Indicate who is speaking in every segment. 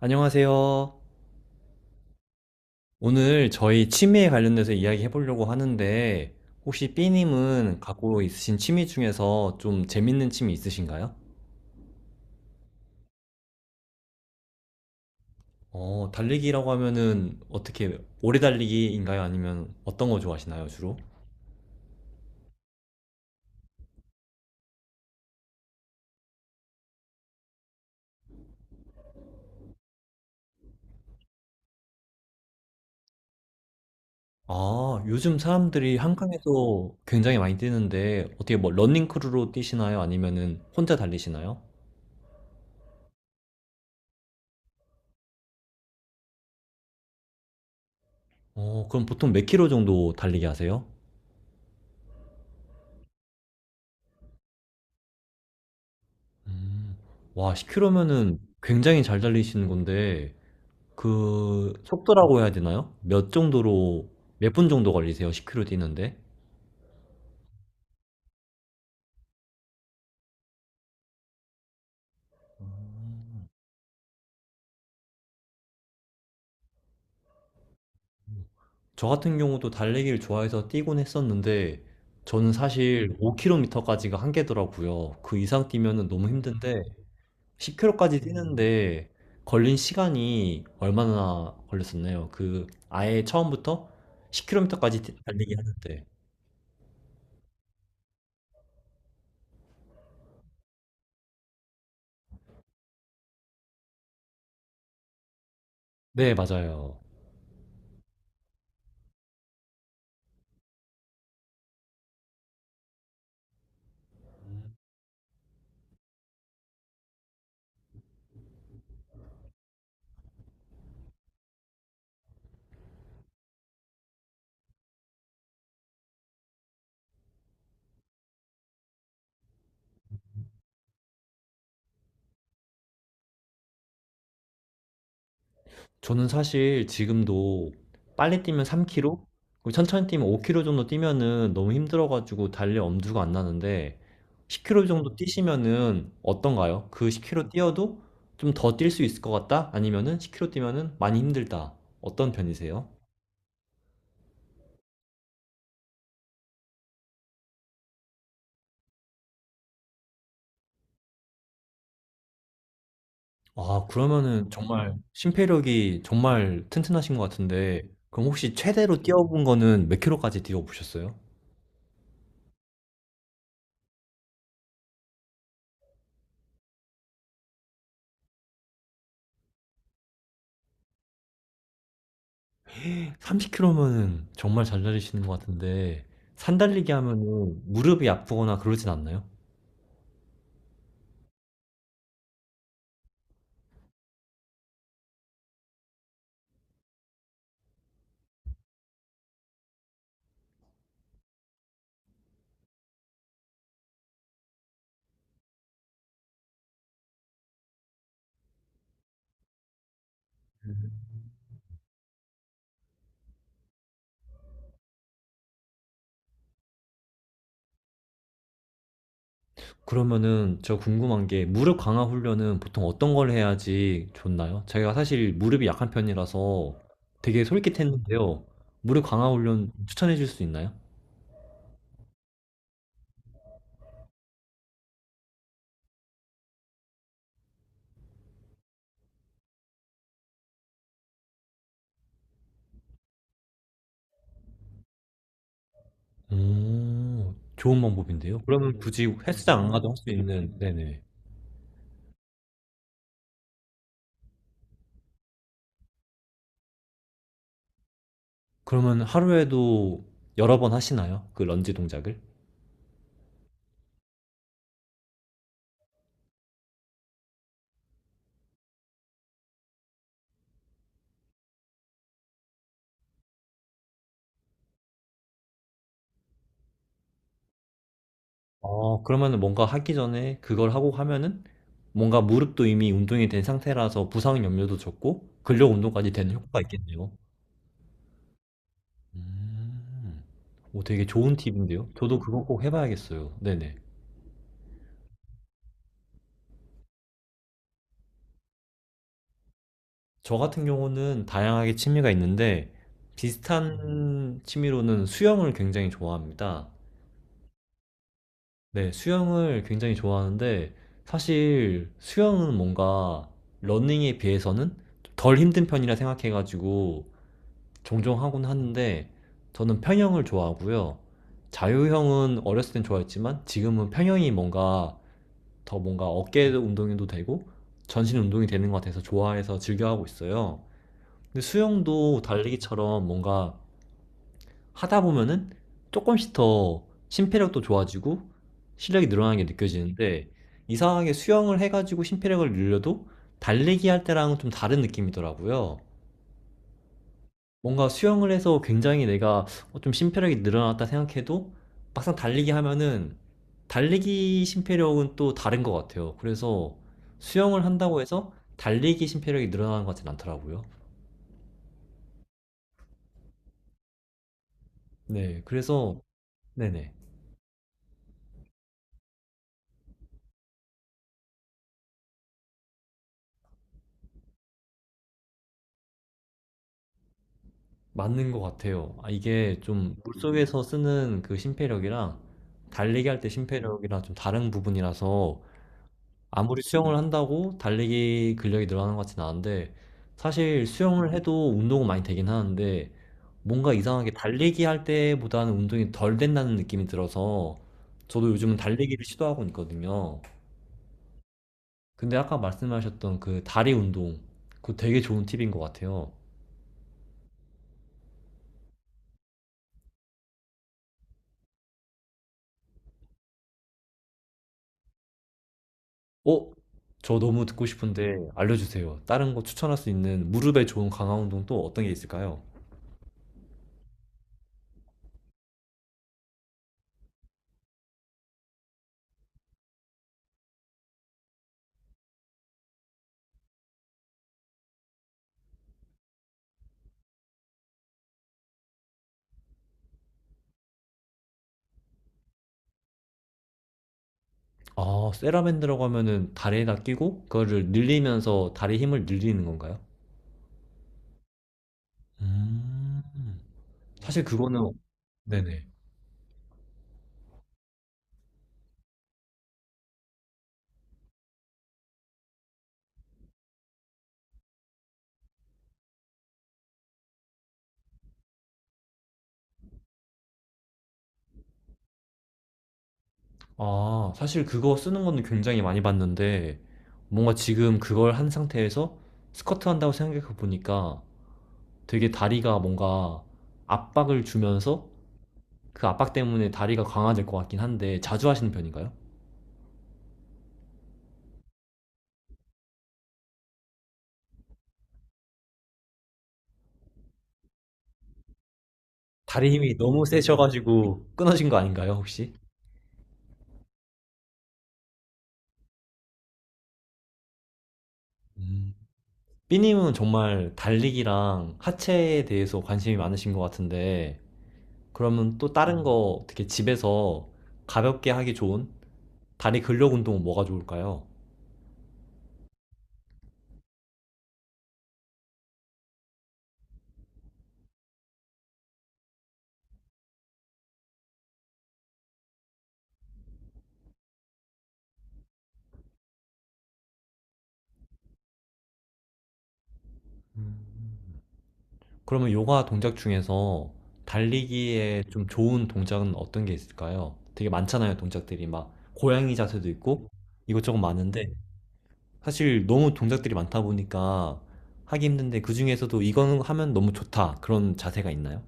Speaker 1: 안녕하세요. 오늘 저희 취미에 관련돼서 이야기 해보려고 하는데, 혹시 삐님은 갖고 있으신 취미 중에서 좀 재밌는 취미 있으신가요? 달리기라고 하면은 어떻게, 오래 달리기인가요? 아니면 어떤 거 좋아하시나요, 주로? 아, 요즘 사람들이 한강에서 굉장히 많이 뛰는데, 어떻게 뭐 러닝크루로 뛰시나요? 아니면은 혼자 달리시나요? 그럼 보통 몇 킬로 정도 달리기 하세요? 음, 와, 10킬로면은 굉장히 잘 달리시는 건데, 그 속도라고 해야 되나요? 몇 정도로 몇 분 정도 걸리세요? 10km 뛰는데? 저 같은 경우도 달리기를 좋아해서 뛰곤 했었는데 저는 사실 5km까지가 한계더라고요. 그 이상 뛰면은 너무 힘든데 10km까지 뛰는데 걸린 시간이 얼마나 걸렸었나요? 그 아예 처음부터 10km까지 달리기 하는데. 네, 맞아요. 저는 사실 지금도 빨리 뛰면 3km, 그리고 천천히 뛰면 5km 정도 뛰면은 너무 힘들어가지고 달릴 엄두가 안 나는데 10km 정도 뛰시면은 어떤가요? 그 10km 뛰어도 좀 더 뛸 수 있을 것 같다? 아니면은 10km 뛰면은 많이 힘들다. 어떤 편이세요? 아, 그러면은 정말 심폐력이 정말 튼튼하신 것 같은데 그럼 혹시 최대로 뛰어본 거는 몇 킬로까지 뛰어보셨어요? 30K로면은 정말 잘 달리시는 것 같은데 산 달리기 하면은 무릎이 아프거나 그러진 않나요? 그러면은 저 궁금한 게 무릎 강화 훈련은 보통 어떤 걸 해야지 좋나요? 제가 사실 무릎이 약한 편이라서 되게 솔깃했는데요. 무릎 강화 훈련 추천해 줄 수 있나요? 오, 좋은 방법인데요. 그러면 굳이 헬스장 안 가도 할 수 있는, 네네. 그러면 하루에도 여러 번 하시나요? 그 런지 동작을? 그러면은 뭔가 하기 전에 그걸 하고 하면은 뭔가 무릎도 이미 운동이 된 상태라서 부상 염려도 적고 근력 운동까지 되는 효과가 있겠네요. 음, 오, 되게 좋은 팁인데요. 저도 그거 꼭 해봐야겠어요. 네네. 저 같은 경우는 다양하게 취미가 있는데 비슷한 취미로는 수영을 굉장히 좋아합니다. 네, 수영을 굉장히 좋아하는데 사실 수영은 뭔가 러닝에 비해서는 덜 힘든 편이라 생각해가지고 종종 하곤 하는데 저는 평형을 좋아하고요. 자유형은 어렸을 땐 좋아했지만 지금은 평형이 뭔가 더 뭔가 어깨 운동이도 되고 전신 운동이 되는 것 같아서 좋아해서 즐겨 하고 있어요. 근데 수영도 달리기처럼 뭔가 하다 보면은 조금씩 더 심폐력도 좋아지고 실력이 늘어나는 게 느껴지는데 이상하게 수영을 해가지고 심폐력을 늘려도 달리기 할 때랑은 좀 다른 느낌이더라고요. 뭔가 수영을 해서 굉장히 내가 좀 심폐력이 늘어났다 생각해도 막상 달리기 하면은 달리기 심폐력은 또 다른 것 같아요. 그래서 수영을 한다고 해서 달리기 심폐력이 늘어나는 것 같진 않더라고요. 네, 그래서 네네 맞는 것 같아요. 아, 이게 좀 물속에서 쓰는 그 심폐력이랑 달리기 할 때 심폐력이랑 좀 다른 부분이라서 아무리 수영을 한다고 달리기 근력이 늘어나는 것 같지는 않은데 사실 수영을 해도 운동은 많이 되긴 하는데 뭔가 이상하게 달리기 할 때보다는 운동이 덜 된다는 느낌이 들어서 저도 요즘은 달리기를 시도하고 있거든요. 근데 아까 말씀하셨던 그 다리 운동 그거 되게 좋은 팁인 것 같아요. 어? 저 너무 듣고 싶은데 알려주세요. 다른 거 추천할 수 있는 무릎에 좋은 강화 운동 또 어떤 게 있을까요? 아, 세라밴드라고 하면은 다리에다 끼고 그거를 늘리면서 다리 힘을 늘리는 건가요? 음, 사실 그거는 네네. 아, 사실 그거 쓰는 거는 굉장히 많이 봤는데, 뭔가 지금 그걸 한 상태에서 스쿼트 한다고 생각해 보니까 되게 다리가 뭔가 압박을 주면서 그 압박 때문에 다리가 강화될 것 같긴 한데, 자주 하시는 편인가요? 다리 힘이 너무 세셔가지고 끊어진 거 아닌가요, 혹시? 음. 삐님은 정말 달리기랑 하체에 대해서 관심이 많으신 것 같은데, 그러면 또 다른 거 어떻게 집에서 가볍게 하기 좋은 다리 근력 운동은 뭐가 좋을까요? 그러면 요가 동작 중에서 달리기에 좀 좋은 동작은 어떤 게 있을까요? 되게 많잖아요, 동작들이. 막 고양이 자세도 있고 이것저것 많은데, 사실 너무 동작들이 많다 보니까 하기 힘든데 그중에서도 이거는 하면 너무 좋다. 그런 자세가 있나요?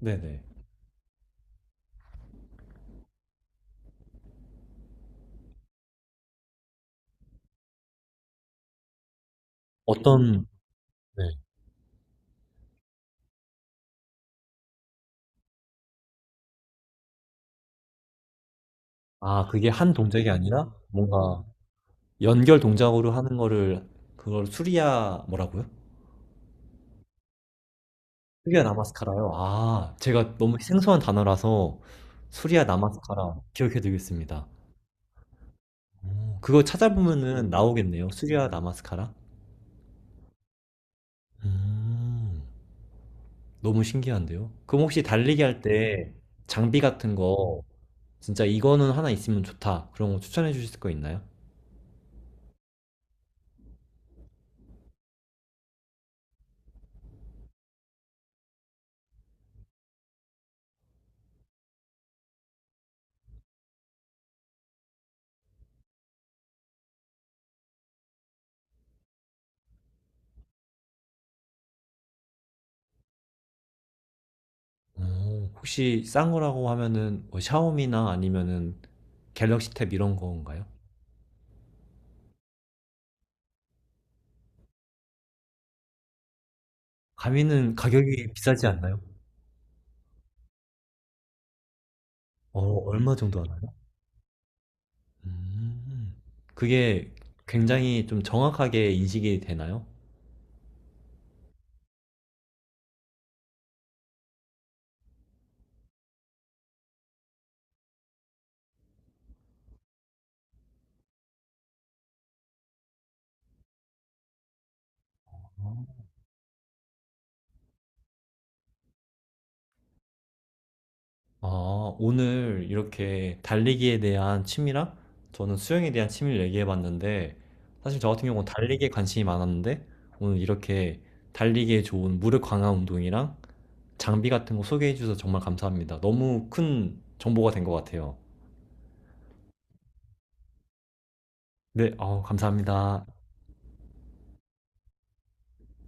Speaker 1: 네네. 어떤, 네. 아, 그게 한 동작이 아니라 뭔가 연결 동작으로 하는 거를 그걸 수리야 뭐라고요? 수리야 나마스카라요. 아, 제가 너무 생소한 단어라서 수리야 나마스카라 기억해 두겠습니다. 오, 그거 찾아보면은 나오겠네요. 수리야 나마스카라. 음, 너무 신기한데요. 그럼 혹시 달리기 할 때 장비 같은 거 진짜 이거는 하나 있으면 좋다. 그런 거 추천해 주실 거 있나요? 어, 혹시 싼 거라고 하면은 뭐 샤오미나 아니면은 갤럭시 탭 이런 건가요? 가미는 가격이 비싸지 않나요? 어, 얼마 정도 하나요? 음, 그게 굉장히 좀 정확하게 인식이 되나요? 아, 오늘 이렇게 달리기에 대한 취미랑 저는 수영에 대한 취미를 얘기해 봤는데 사실 저 같은 경우는 달리기에 관심이 많았는데 오늘 이렇게 달리기에 좋은 무릎 강화 운동이랑 장비 같은 거 소개해 주셔서 정말 감사합니다. 너무 큰 정보가 된 것 같아요. 네, 감사합니다.